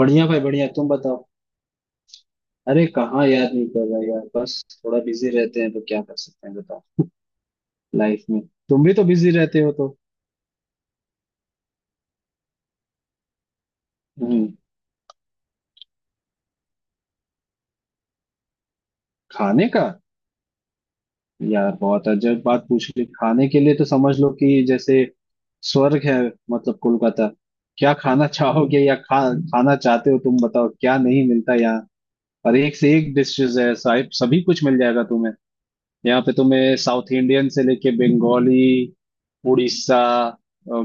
बढ़िया भाई बढ़िया, तुम बताओ। अरे कहाँ याद नहीं कर रहा यार, बस थोड़ा बिजी रहते हैं तो क्या कर सकते हैं बताओ। लाइफ में। तुम भी तो बिजी रहते हो तो। हम्म। खाने का? यार बहुत अजब बात पूछ ली, खाने के लिए तो समझ लो कि जैसे स्वर्ग है। मतलब कोलकाता। क्या खाना चाहोगे या खा खाना चाहते हो? तुम बताओ, क्या नहीं मिलता यहाँ। और एक से एक डिशेज है साहिब, सभी कुछ मिल जाएगा तुम्हें। यहाँ पे तुम्हें साउथ इंडियन से लेके बंगाली, उड़ीसा,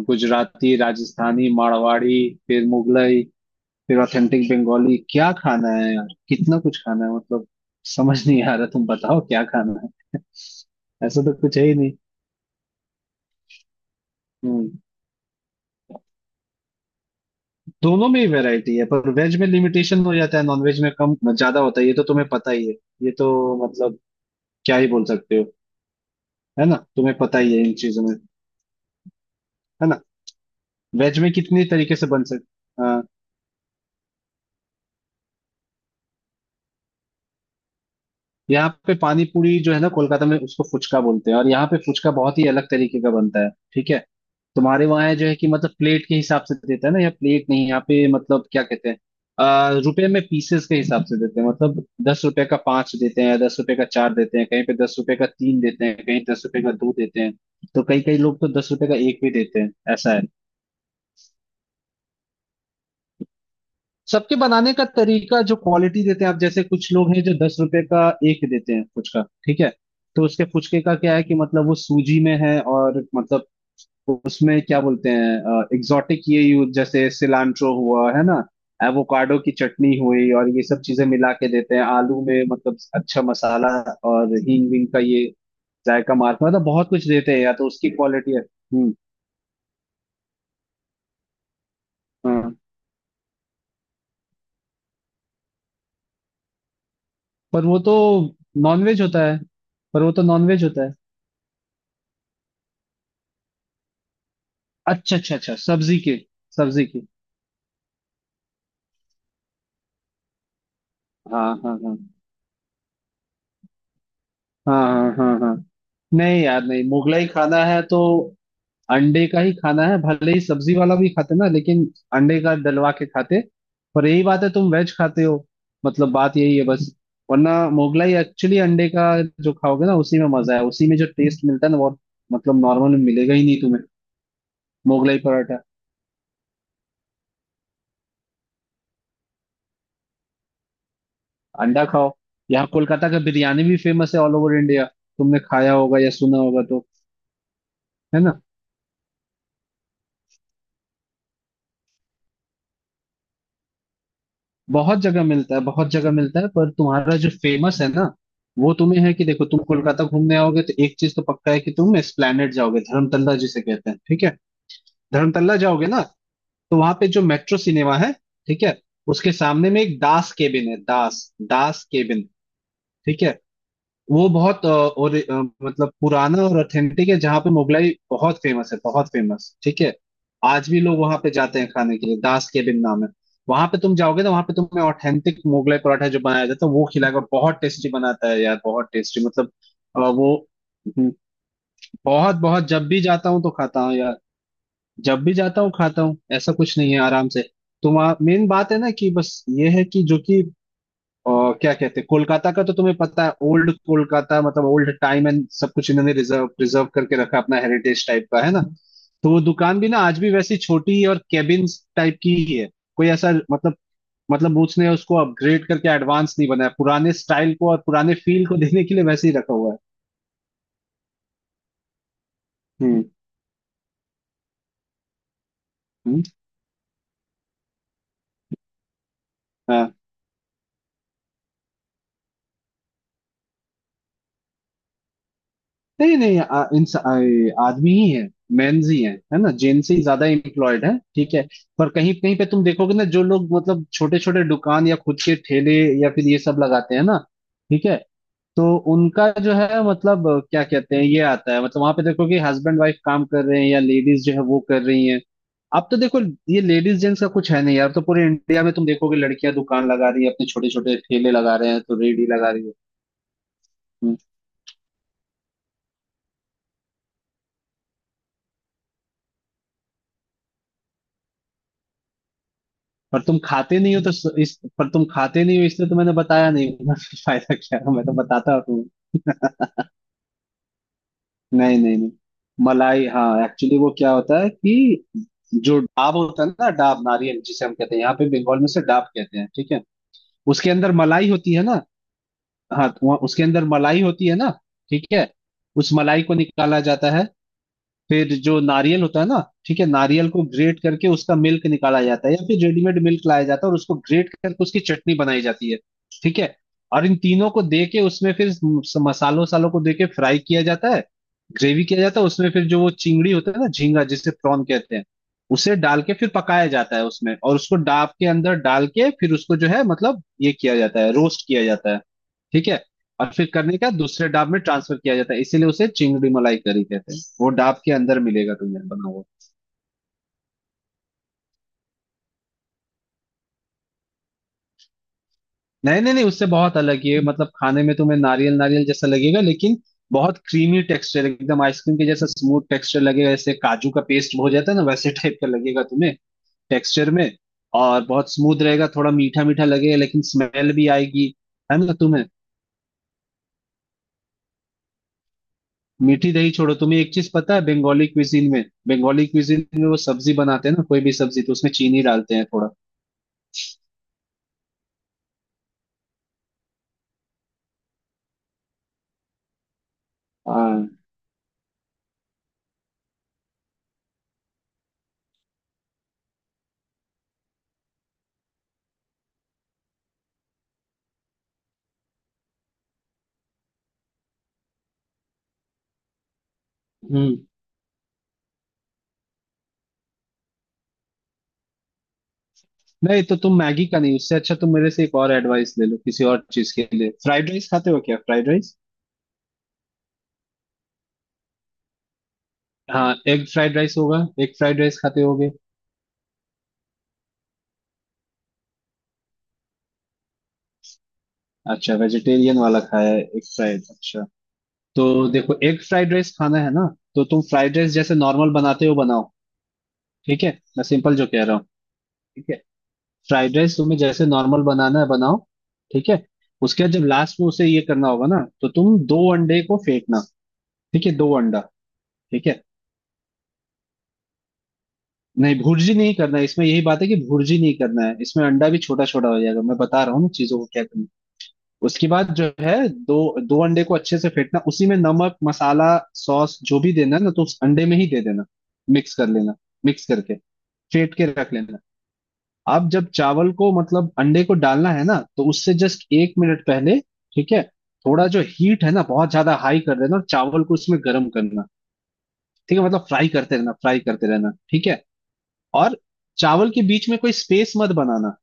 गुजराती, राजस्थानी, मारवाड़ी, फिर मुगलई, फिर ऑथेंटिक बंगाली। क्या खाना है यार, कितना कुछ खाना है मतलब। समझ नहीं आ रहा, तुम बताओ क्या खाना है। ऐसा तो कुछ है ही नहीं। हम्म। दोनों में ही वैरायटी है, पर वेज में लिमिटेशन हो जाता है, नॉन वेज में कम ज्यादा होता है, ये तो तुम्हें पता ही है। ये तो मतलब क्या ही बोल सकते हो, है ना? तुम्हें पता ही है इन चीजों में, है ना। वेज में कितनी तरीके से बन सकते। यहाँ पे पानी पूरी जो है ना कोलकाता में, उसको फुचका बोलते हैं, और यहाँ पे फुचका बहुत ही अलग तरीके का बनता है। ठीक है, तुम्हारे वहाँ है जो है कि मतलब प्लेट के हिसाब से देता है ना, यहाँ प्लेट नहीं, यहाँ पे मतलब क्या कहते हैं, रुपए में पीसेस के हिसाब से देते हैं मतलब। 10 रुपए का पांच देते हैं, 10 रुपए का चार देते हैं, कहीं पे 10 रुपए का तीन देते हैं, कहीं 10 रुपए का दो देते हैं। तो कई कई लोग तो 10 रुपए का एक भी देते हैं, ऐसा है। सबके बनाने का तरीका जो क्वालिटी देते हैं, आप जैसे कुछ लोग हैं जो 10 रुपए का एक देते हैं फुचका। ठीक है, तो उसके फुचके का क्या है कि मतलब वो सूजी में है और मतलब उसमें क्या बोलते हैं एग्जॉटिक ये यूज, जैसे सिलांट्रो हुआ है ना, एवोकाडो की चटनी हुई, और ये सब चीजें मिला के देते हैं आलू में, मतलब अच्छा मसाला और हींग विंग का ये जायका मार्क, मतलब बहुत कुछ देते हैं, या तो उसकी क्वालिटी है। हम्म। हाँ, पर वो तो नॉनवेज होता है। पर वो तो नॉनवेज होता है। अच्छा अच्छा अच्छा, सब्जी के। सब्जी के। हाँ हाँ हाँ हाँ हाँ। हाँ हाँ। नहीं यार, नहीं मुगलाई खाना है तो अंडे का ही खाना है, भले ही सब्जी वाला भी खाते ना, लेकिन अंडे का डलवा के खाते। पर यही बात है, तुम वेज खाते हो, मतलब बात यही है बस। वरना मुगलाई एक्चुअली अंडे का जो खाओगे ना उसी में मजा है, उसी में जो टेस्ट मिलता है ना वो, मतलब नॉर्मल में मिलेगा ही नहीं तुम्हें। मुगलाई पराठा। अंडा खाओ। यहाँ कोलकाता का बिरयानी भी फेमस है, ऑल ओवर इंडिया। तुमने खाया होगा या सुना होगा तो। है ना, बहुत जगह मिलता है, बहुत जगह मिलता है, पर तुम्हारा जो फेमस है ना, वो तुम्हें है कि देखो, तुम कोलकाता घूमने आओगे तो एक चीज तो पक्का है कि तुम एस्प्लैनेड जाओगे, धर्मतल्ला जिसे कहते हैं, ठीक है। धर्मतल्ला जाओगे ना, तो वहां पे जो मेट्रो सिनेमा है, ठीक है, उसके सामने में एक दास केबिन है, दास, दास केबिन। ठीक है, वो बहुत और मतलब पुराना और ऑथेंटिक है, जहाँ पे मुगलाई बहुत फेमस है, बहुत फेमस, ठीक है। आज भी लोग वहां पे जाते हैं खाने के लिए, दास केबिन नाम है। वहां पे तुम जाओगे ना, वहां पे तुम्हें ऑथेंटिक मुगलाई पराठा जो बनाया जाता है वो खिलाएगा, बहुत टेस्टी बनाता है यार, बहुत टेस्टी मतलब। वो। हम्म, बहुत बहुत जब भी जाता हूँ तो खाता हूँ यार। जब भी जाता हूँ खाता हूँ, ऐसा कुछ नहीं है, आराम से। तो मेन बात है ना कि बस ये है कि जो कि, और क्या कहते हैं कोलकाता का तो तुम्हें पता है, ओल्ड कोलकाता मतलब ओल्ड टाइम एंड सब कुछ इन्होंने रिजर्व प्रिजर्व करके रखा, अपना हेरिटेज टाइप का है ना। तो वो दुकान भी ना आज भी वैसी छोटी और केबिन टाइप की ही है, कोई ऐसा मतलब, मतलब बूथ्स ने उसको अपग्रेड करके एडवांस नहीं बनाया, पुराने स्टाइल को और पुराने फील को देने के लिए वैसे ही रखा हुआ है। हम्म। हम्म। हाँ, नहीं नहीं आदमी ही है, मेंस ही है ना, जेंट्स ही ज्यादा एम्प्लॉयड है, ठीक है। पर कहीं कहीं पे तुम देखोगे ना, जो लोग मतलब छोटे छोटे दुकान या खुद के ठेले या फिर ये सब लगाते हैं ना, ठीक है, तो उनका जो है मतलब क्या कहते हैं ये आता है, मतलब वहां पे देखो कि हस्बैंड वाइफ काम कर रहे हैं या लेडीज जो है वो कर रही हैं। अब तो देखो, ये लेडीज जेंट्स का कुछ है नहीं यार, तो पूरे इंडिया में तुम देखोगे लड़कियां दुकान लगा रही है, अपने छोटे छोटे ठेले लगा रहे हैं, तो रेडी लगा रही है। पर तुम खाते नहीं हो, तो इस पर तुम खाते नहीं हो, इसलिए तो मैंने बताया नहीं वरना फिर फायदा क्या है, मैं तो बताता हूँ। नहीं नहीं नहीं, मलाई, हाँ एक्चुअली वो क्या होता है कि, जो डाब होता है ना, डाब नारियल जिसे हम कहते हैं यहाँ पे बंगाल में, से डाब कहते हैं। ठीक है, उसके अंदर मलाई होती है ना, हाँ तो उसके अंदर मलाई होती है ना, ठीक है, उस मलाई को निकाला जाता है। फिर जो नारियल होता है ना, ठीक है, नारियल को ग्रेट करके उसका मिल्क निकाला जाता है, या फिर रेडीमेड मिल्क लाया जाता है, और उसको ग्रेट करके उसकी चटनी बनाई जाती है। ठीक है, और इन तीनों को दे के उसमें फिर मसालों वसालों को दे के फ्राई किया जाता है, ग्रेवी किया जाता है उसमें, फिर जो वो चिंगड़ी होता है ना, झींगा जिसे प्रॉन कहते हैं, उसे डाल के फिर पकाया जाता है उसमें, और उसको डाब के अंदर डाल के फिर उसको जो है मतलब ये किया जाता है, रोस्ट किया जाता है, ठीक है। और फिर करने का दूसरे डाब में ट्रांसफर किया जाता है, इसीलिए उसे चिंगड़ी मलाई करी कहते हैं। वो डाब के अंदर मिलेगा तुम्हें बना हुआ। नहीं नहीं नहीं, उससे बहुत अलग ये, मतलब खाने में तुम्हें नारियल नारियल जैसा लगेगा, लेकिन बहुत क्रीमी टेक्सचर, एकदम आइसक्रीम के जैसा स्मूथ टेक्सचर लगेगा, जैसे काजू का पेस्ट हो जाता है ना, वैसे टाइप का लगेगा तुम्हें, टेक्सचर में। और बहुत स्मूथ रहेगा, थोड़ा मीठा मीठा लगेगा, लेकिन स्मेल भी आएगी। है ना तुम्हें? मीठी दही छोड़ो, तुम्हें एक चीज पता है बंगाली क्विजीन में, बंगाली क्विजीन में वो सब्जी बनाते हैं ना, कोई भी सब्जी, तो उसमें चीनी डालते हैं थोड़ा। हाँ। हम्म। नहीं तो तुम मैगी का नहीं, उससे अच्छा तुम मेरे से एक और एडवाइस ले लो किसी और चीज के लिए। फ्राइड राइस खाते हो क्या, फ्राइड राइस? हाँ, एग फ्राइड राइस होगा, एग फ्राइड राइस खाते होगे। अच्छा, वेजिटेरियन वाला खाया है, एग फ्राइड, अच्छा। तो देखो, एग फ्राइड राइस खाना है ना, तो तुम फ्राइड राइस जैसे नॉर्मल बनाते हो बनाओ, ठीक है, मैं सिंपल जो कह रहा हूँ, ठीक है। फ्राइड राइस तुम्हें जैसे नॉर्मल बनाना है बनाओ, ठीक है। उसके बाद जब लास्ट में उसे ये करना होगा ना, तो तुम दो अंडे को फेंकना, ठीक है, दो अंडा, ठीक है। नहीं, भुर्जी नहीं करना है इसमें, यही बात है कि भुर्जी नहीं करना है इसमें, अंडा भी छोटा छोटा हो जाएगा, मैं बता रहा हूँ ना चीजों को क्या करना है। उसके बाद जो है दो दो अंडे को अच्छे से फेंटना, उसी में नमक मसाला सॉस जो भी देना है ना, तो उस अंडे में ही दे देना, मिक्स कर लेना, मिक्स करके फेंट के रख लेना। अब जब चावल को मतलब अंडे को डालना है ना, तो उससे जस्ट 1 मिनट पहले, ठीक है, थोड़ा जो हीट है ना बहुत ज्यादा हाई कर देना, और चावल को उसमें गर्म करना, ठीक है, मतलब फ्राई करते रहना, फ्राई करते रहना, ठीक है। और चावल के बीच में कोई स्पेस मत बनाना,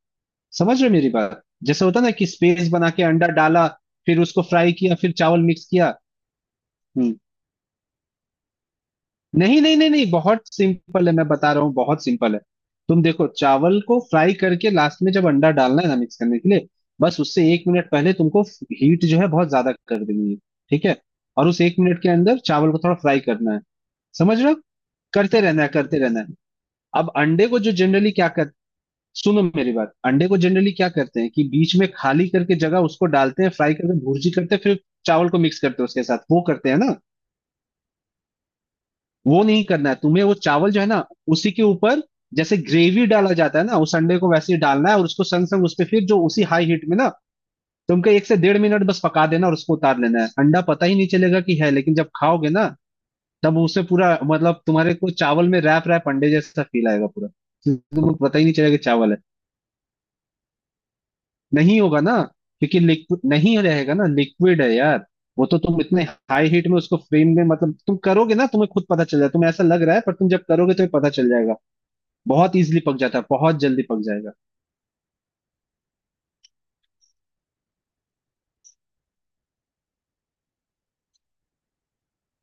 समझ रहे हो मेरी बात, जैसे होता है ना कि स्पेस बना के अंडा डाला, फिर उसको फ्राई किया, फिर चावल मिक्स किया। हम्म। नहीं नहीं नहीं नहीं, बहुत सिंपल है मैं बता रहा हूँ, बहुत सिंपल है। तुम देखो, चावल को फ्राई करके लास्ट में जब अंडा डालना है ना मिक्स करने के लिए, बस उससे 1 मिनट पहले तुमको हीट जो है बहुत ज्यादा कर देनी है, ठीक है, और उस 1 मिनट के अंदर चावल को थोड़ा फ्राई करना है, समझ रहे हो, करते रहना है, करते रहना है। अब अंडे को जो जनरली क्या करते, सुनो मेरी बात, अंडे को जनरली क्या करते हैं कि बीच में खाली करके जगह उसको डालते हैं, फ्राई करके भुर्जी करते हैं, फिर चावल को मिक्स करते हैं उसके साथ, वो करते हैं ना? वो नहीं करना है तुम्हें, वो चावल जो है ना उसी के ऊपर, जैसे ग्रेवी डाला जाता है ना उस अंडे को, वैसे ही डालना है और उसको संग संग उस पे फिर जो उसी हाई हीट में ना, तुमको 1 से 1.5 मिनट बस पका देना, और उसको उतार लेना है, अंडा पता ही नहीं चलेगा कि है, लेकिन जब खाओगे ना, तब उसे पूरा मतलब तुम्हारे को चावल में रैप रैप अंडे जैसा फील आएगा पूरा, तुमको पता ही नहीं चलेगा कि चावल है। नहीं होगा ना, क्योंकि लिक्विड नहीं रहेगा ना, लिक्विड है यार, वो तो तुम इतने हाई हीट में उसको फ्रेम में मतलब तुम करोगे ना, तुम्हें खुद पता चल जाएगा, तुम्हें ऐसा लग रहा है पर तुम जब करोगे तुम्हें पता चल जाएगा, बहुत इजीली पक जाता है, बहुत जल्दी पक जाएगा।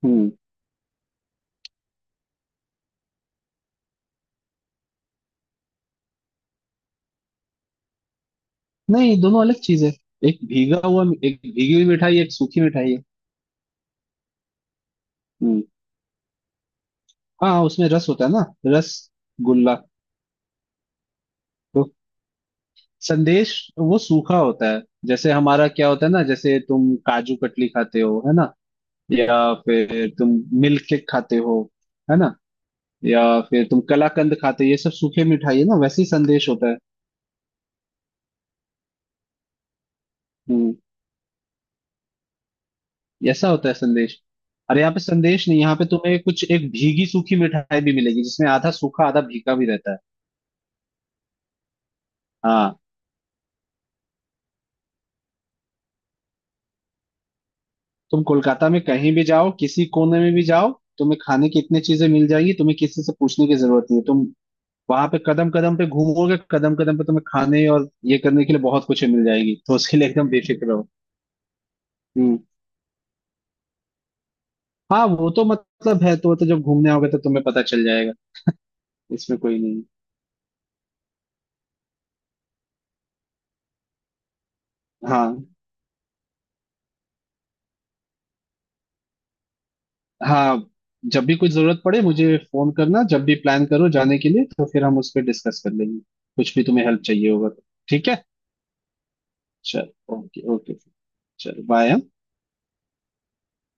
हम्म। नहीं दोनों अलग चीज है, एक भीगा हुआ, एक भीगी हुई मिठाई, एक सूखी मिठाई है। हम्म। हाँ, उसमें रस होता है ना, रस गुल्ला। तो संदेश, वो सूखा होता है, जैसे हमारा क्या होता है ना, जैसे तुम काजू कतली खाते हो, है ना, या फिर तुम मिल्क केक खाते हो, है ना, या फिर तुम कलाकंद खाते हो, ये सब सूखे मिठाई है ना, वैसे ही संदेश होता है। हम्म, ऐसा होता है संदेश। अरे यहाँ पे संदेश नहीं, यहाँ पे तुम्हें कुछ एक भीगी सूखी मिठाई भी मिलेगी, जिसमें आधा सूखा आधा भीगा भी रहता है। हाँ, तुम कोलकाता में कहीं भी जाओ, किसी कोने में भी जाओ, तुम्हें खाने की इतनी चीजें मिल जाएगी, तुम्हें किसी से पूछने की जरूरत नहीं है, तुम वहां पे कदम कदम पे घूमोगे, कदम कदम पे तुम्हें खाने और ये करने के लिए बहुत कुछ मिल जाएगी, तो उसके लिए एकदम बेफिक्र रहो। हम्म। हाँ वो तो मतलब है तो, वो तो जब घूमने आओगे तो तुम्हें पता चल जाएगा, इसमें कोई नहीं। हाँ हाँ, जब भी कुछ जरूरत पड़े मुझे फोन करना, जब भी प्लान करो जाने के लिए, तो फिर हम उस पर डिस्कस कर लेंगे, कुछ भी तुम्हें हेल्प चाहिए होगा तो। ठीक है, चल, ओके ओके, चल बाय।